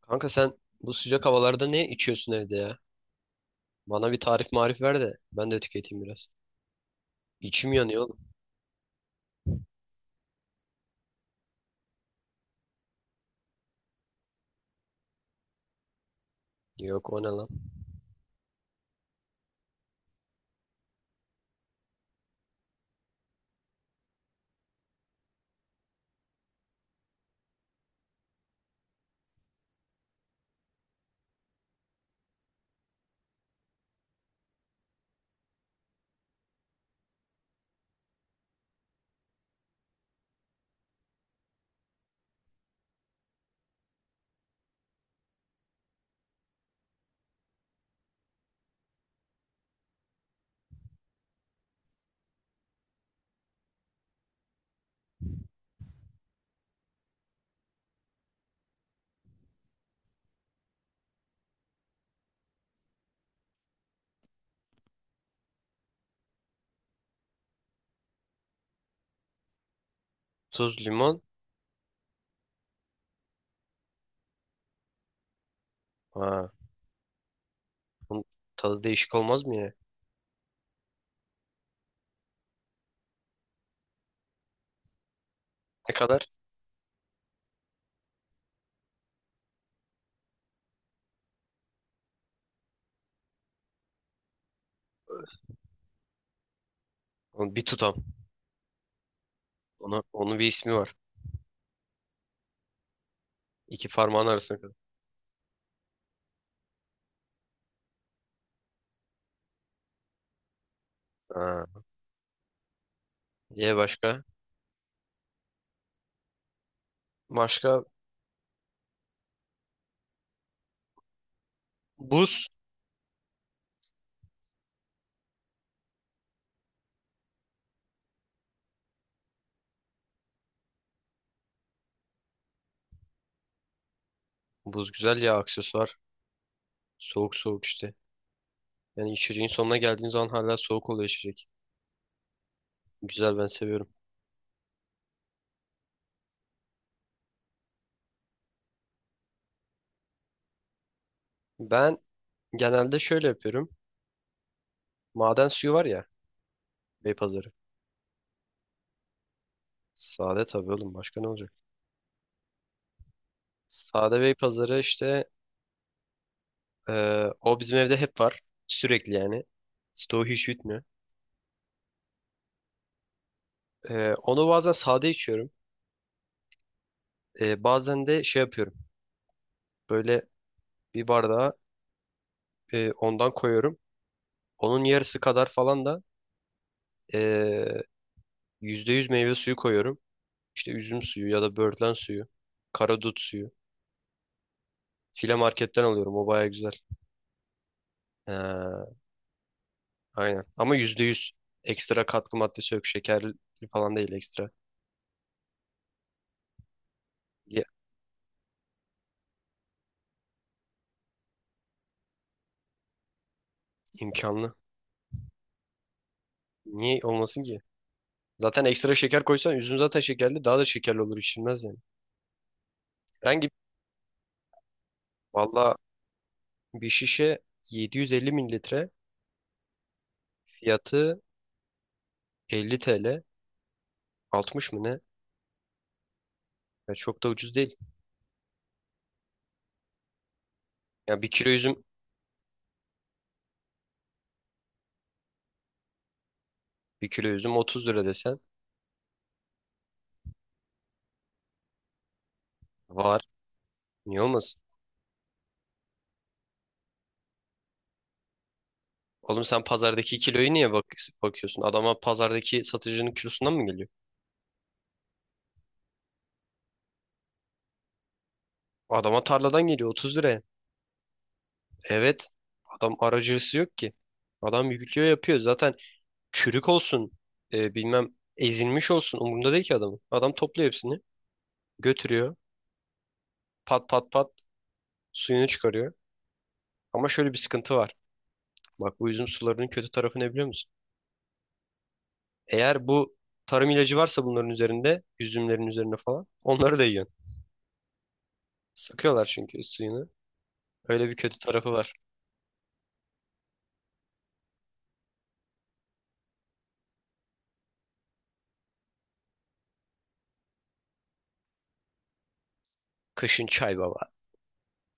Kanka sen bu sıcak havalarda ne içiyorsun evde ya? Bana bir tarif marif ver de ben de tüketeyim biraz. İçim yanıyor oğlum. Yok o ne lan? Tuz, limon. Ha, bunun tadı değişik olmaz mı ya? Ne kadar? Onu bir tutam. Onun bir ismi var. İki parmağın arasına kadar. Ha. Ye başka? Başka buz. Buz güzel ya, aksesuar. Soğuk soğuk işte. Yani içeceğin sonuna geldiğin zaman hala soğuk oluyor içecek. Güzel, ben seviyorum. Ben genelde şöyle yapıyorum. Maden suyu var ya. Beypazarı. Sade tabii oğlum, başka ne olacak? Sade Bey pazarı işte, e, o bizim evde hep var. Sürekli yani. Stoğu hiç bitmiyor. Onu bazen sade içiyorum. Bazen de şey yapıyorum. Böyle bir bardağa ondan koyuyorum. Onun yarısı kadar falan da e, %100 meyve suyu koyuyorum. İşte üzüm suyu ya da böğürtlen suyu. Karadut suyu. File marketten alıyorum. O baya güzel. E, aynen. Ama %100 ekstra katkı maddesi yok. Şekerli falan değil ekstra. İmkanlı. Niye olmasın ki? Zaten ekstra şeker koysan üzüm zaten şekerli, daha da şekerli olur, içilmez yani. Herhangi Valla bir şişe 750 mililitre fiyatı 50 TL, 60 mı ne? Ya çok da ucuz değil. Ya bir kilo üzüm 30 lira desen var. Niye olmasın? Oğlum sen pazardaki kiloyu niye bakıyorsun? Adama pazardaki satıcının kilosundan mı geliyor? Adama tarladan geliyor 30 liraya. Evet. Adam aracısı yok ki. Adam yüklüyor yapıyor. Zaten çürük olsun, bilmem ezilmiş olsun, umurunda değil ki adamın. Adam topluyor hepsini, götürüyor, pat pat pat, suyunu çıkarıyor. Ama şöyle bir sıkıntı var. Bak, bu üzüm sularının kötü tarafı ne biliyor musun? Eğer bu tarım ilacı varsa bunların üzerinde, üzümlerin üzerine falan, onları da yiyorsun. Sıkıyorlar çünkü suyunu. Öyle bir kötü tarafı var. Kışın çay baba.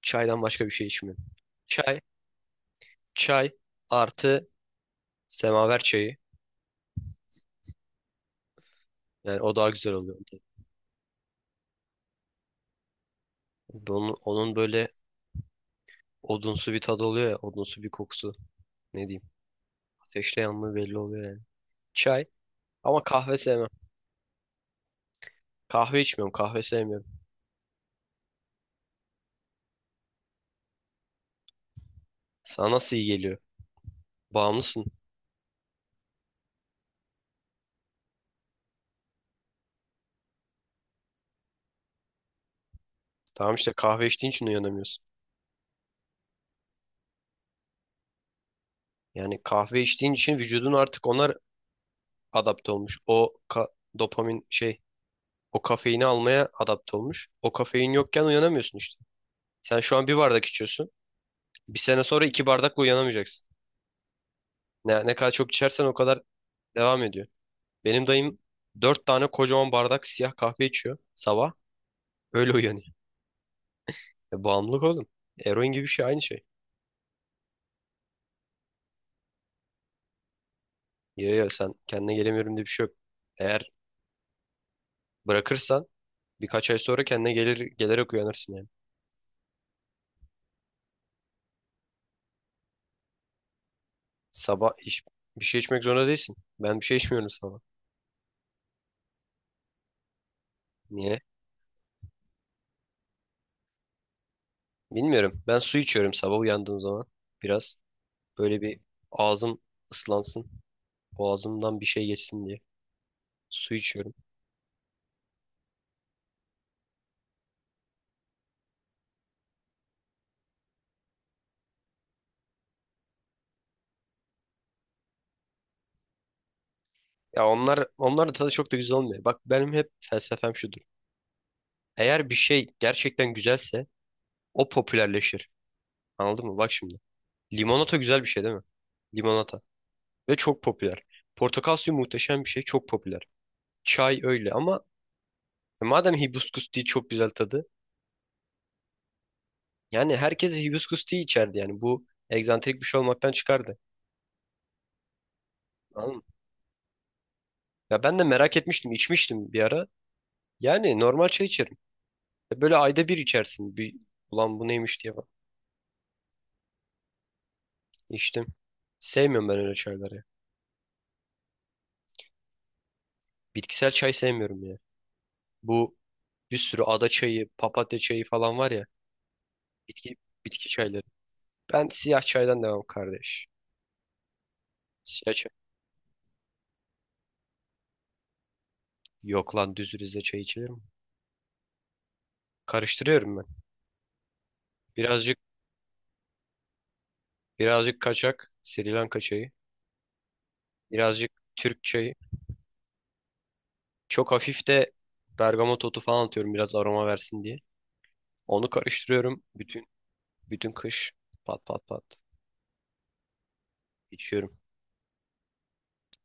Çaydan başka bir şey içmiyorum. Çay, çay artı semaver çayı. Yani o daha güzel oluyor. Onun böyle odunsu bir tadı oluyor ya, odunsu bir kokusu. Ne diyeyim. Ateşle yanlığı belli oluyor yani. Çay. Ama kahve sevmem. Kahve içmiyorum. Kahve sevmiyorum. Sana nasıl iyi geliyor? Bağımlısın. Tamam işte, kahve içtiğin için uyanamıyorsun. Yani kahve içtiğin için vücudun artık onlar adapte olmuş. Dopamin şey, o kafeini almaya adapte olmuş. O kafein yokken uyanamıyorsun işte. Sen şu an bir bardak içiyorsun. Bir sene sonra iki bardakla uyanamayacaksın. Ne kadar çok içersen o kadar devam ediyor. Benim dayım dört tane kocaman bardak siyah kahve içiyor sabah. Öyle uyanıyor. Bağımlılık oğlum. Eroin gibi bir şey, aynı şey. Ya sen kendine gelemiyorum diye bir şey yok. Eğer bırakırsan birkaç ay sonra kendine gelir gelerek uyanırsın yani. Sabah iç- Bir şey içmek zorunda değilsin. Ben bir şey içmiyorum sabah. Niye? Bilmiyorum. Ben su içiyorum sabah uyandığım zaman. Biraz böyle bir ağzım ıslansın. Boğazımdan bir şey geçsin diye. Su içiyorum. Ya onlar da tadı çok da güzel olmuyor. Bak, benim hep felsefem şudur. Eğer bir şey gerçekten güzelse o popülerleşir. Anladın mı? Bak şimdi. Limonata güzel bir şey değil mi? Limonata. Ve çok popüler. Portakal suyu muhteşem bir şey. Çok popüler. Çay öyle ama madem hibiskus tea çok güzel tadı. Yani herkes hibiskus tea içerdi yani. Bu egzantrik bir şey olmaktan çıkardı. Anladın mı? Ya ben de merak etmiştim, içmiştim bir ara. Yani normal çay içerim. Böyle ayda bir içersin. Bir, ulan bu neymiş diye bak. İçtim. Sevmiyorum ben öyle çayları. Bitkisel çay sevmiyorum ya. Bu bir sürü ada çayı, papatya çayı falan var ya. Bitki, bitki çayları. Ben siyah çaydan devam kardeş. Siyah çay. Yok lan, düz Rize çayı içilir mi? Karıştırıyorum ben. Birazcık birazcık kaçak Sri Lanka çayı. Birazcık Türk çayı. Çok hafif de bergamot otu falan atıyorum biraz aroma versin diye. Onu karıştırıyorum bütün kış, pat pat pat, içiyorum.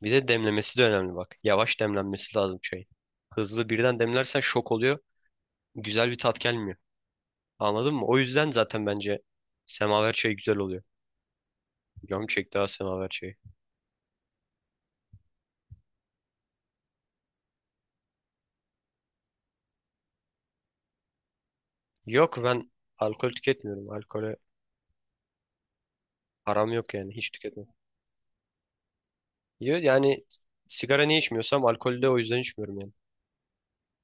Bir de demlemesi de önemli bak. Yavaş demlenmesi lazım çayın. Hızlı birden demlersen şok oluyor. Güzel bir tat gelmiyor. Anladın mı? O yüzden zaten bence semaver çayı güzel oluyor. Canım çekti ha semaver çayı. Yok, ben alkol tüketmiyorum. Alkole aram yok yani, hiç tüketmem. Yo. Yani sigara niye içmiyorsam alkolü de o yüzden içmiyorum yani.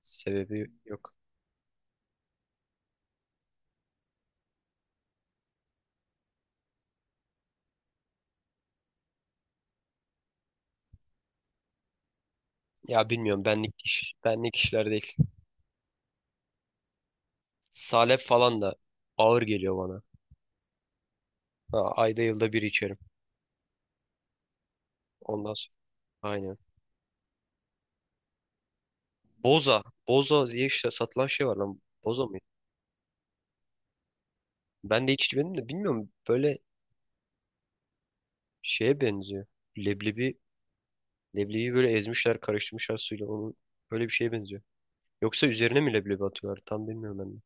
Sebebi yok. Ya bilmiyorum, benlik işler değil. Salep falan da ağır geliyor bana. Ha, ayda yılda bir içerim. Ondan sonra. Aynen. Boza. Boza diye işte satılan şey var lan. Boza mıydı? Ben de hiç içmedim de bilmiyorum. Böyle şeye benziyor. Leblebi, leblebi böyle ezmişler, karıştırmışlar suyla. Onun böyle bir şeye benziyor. Yoksa üzerine mi leblebi atıyorlar? Tam bilmiyorum ben de.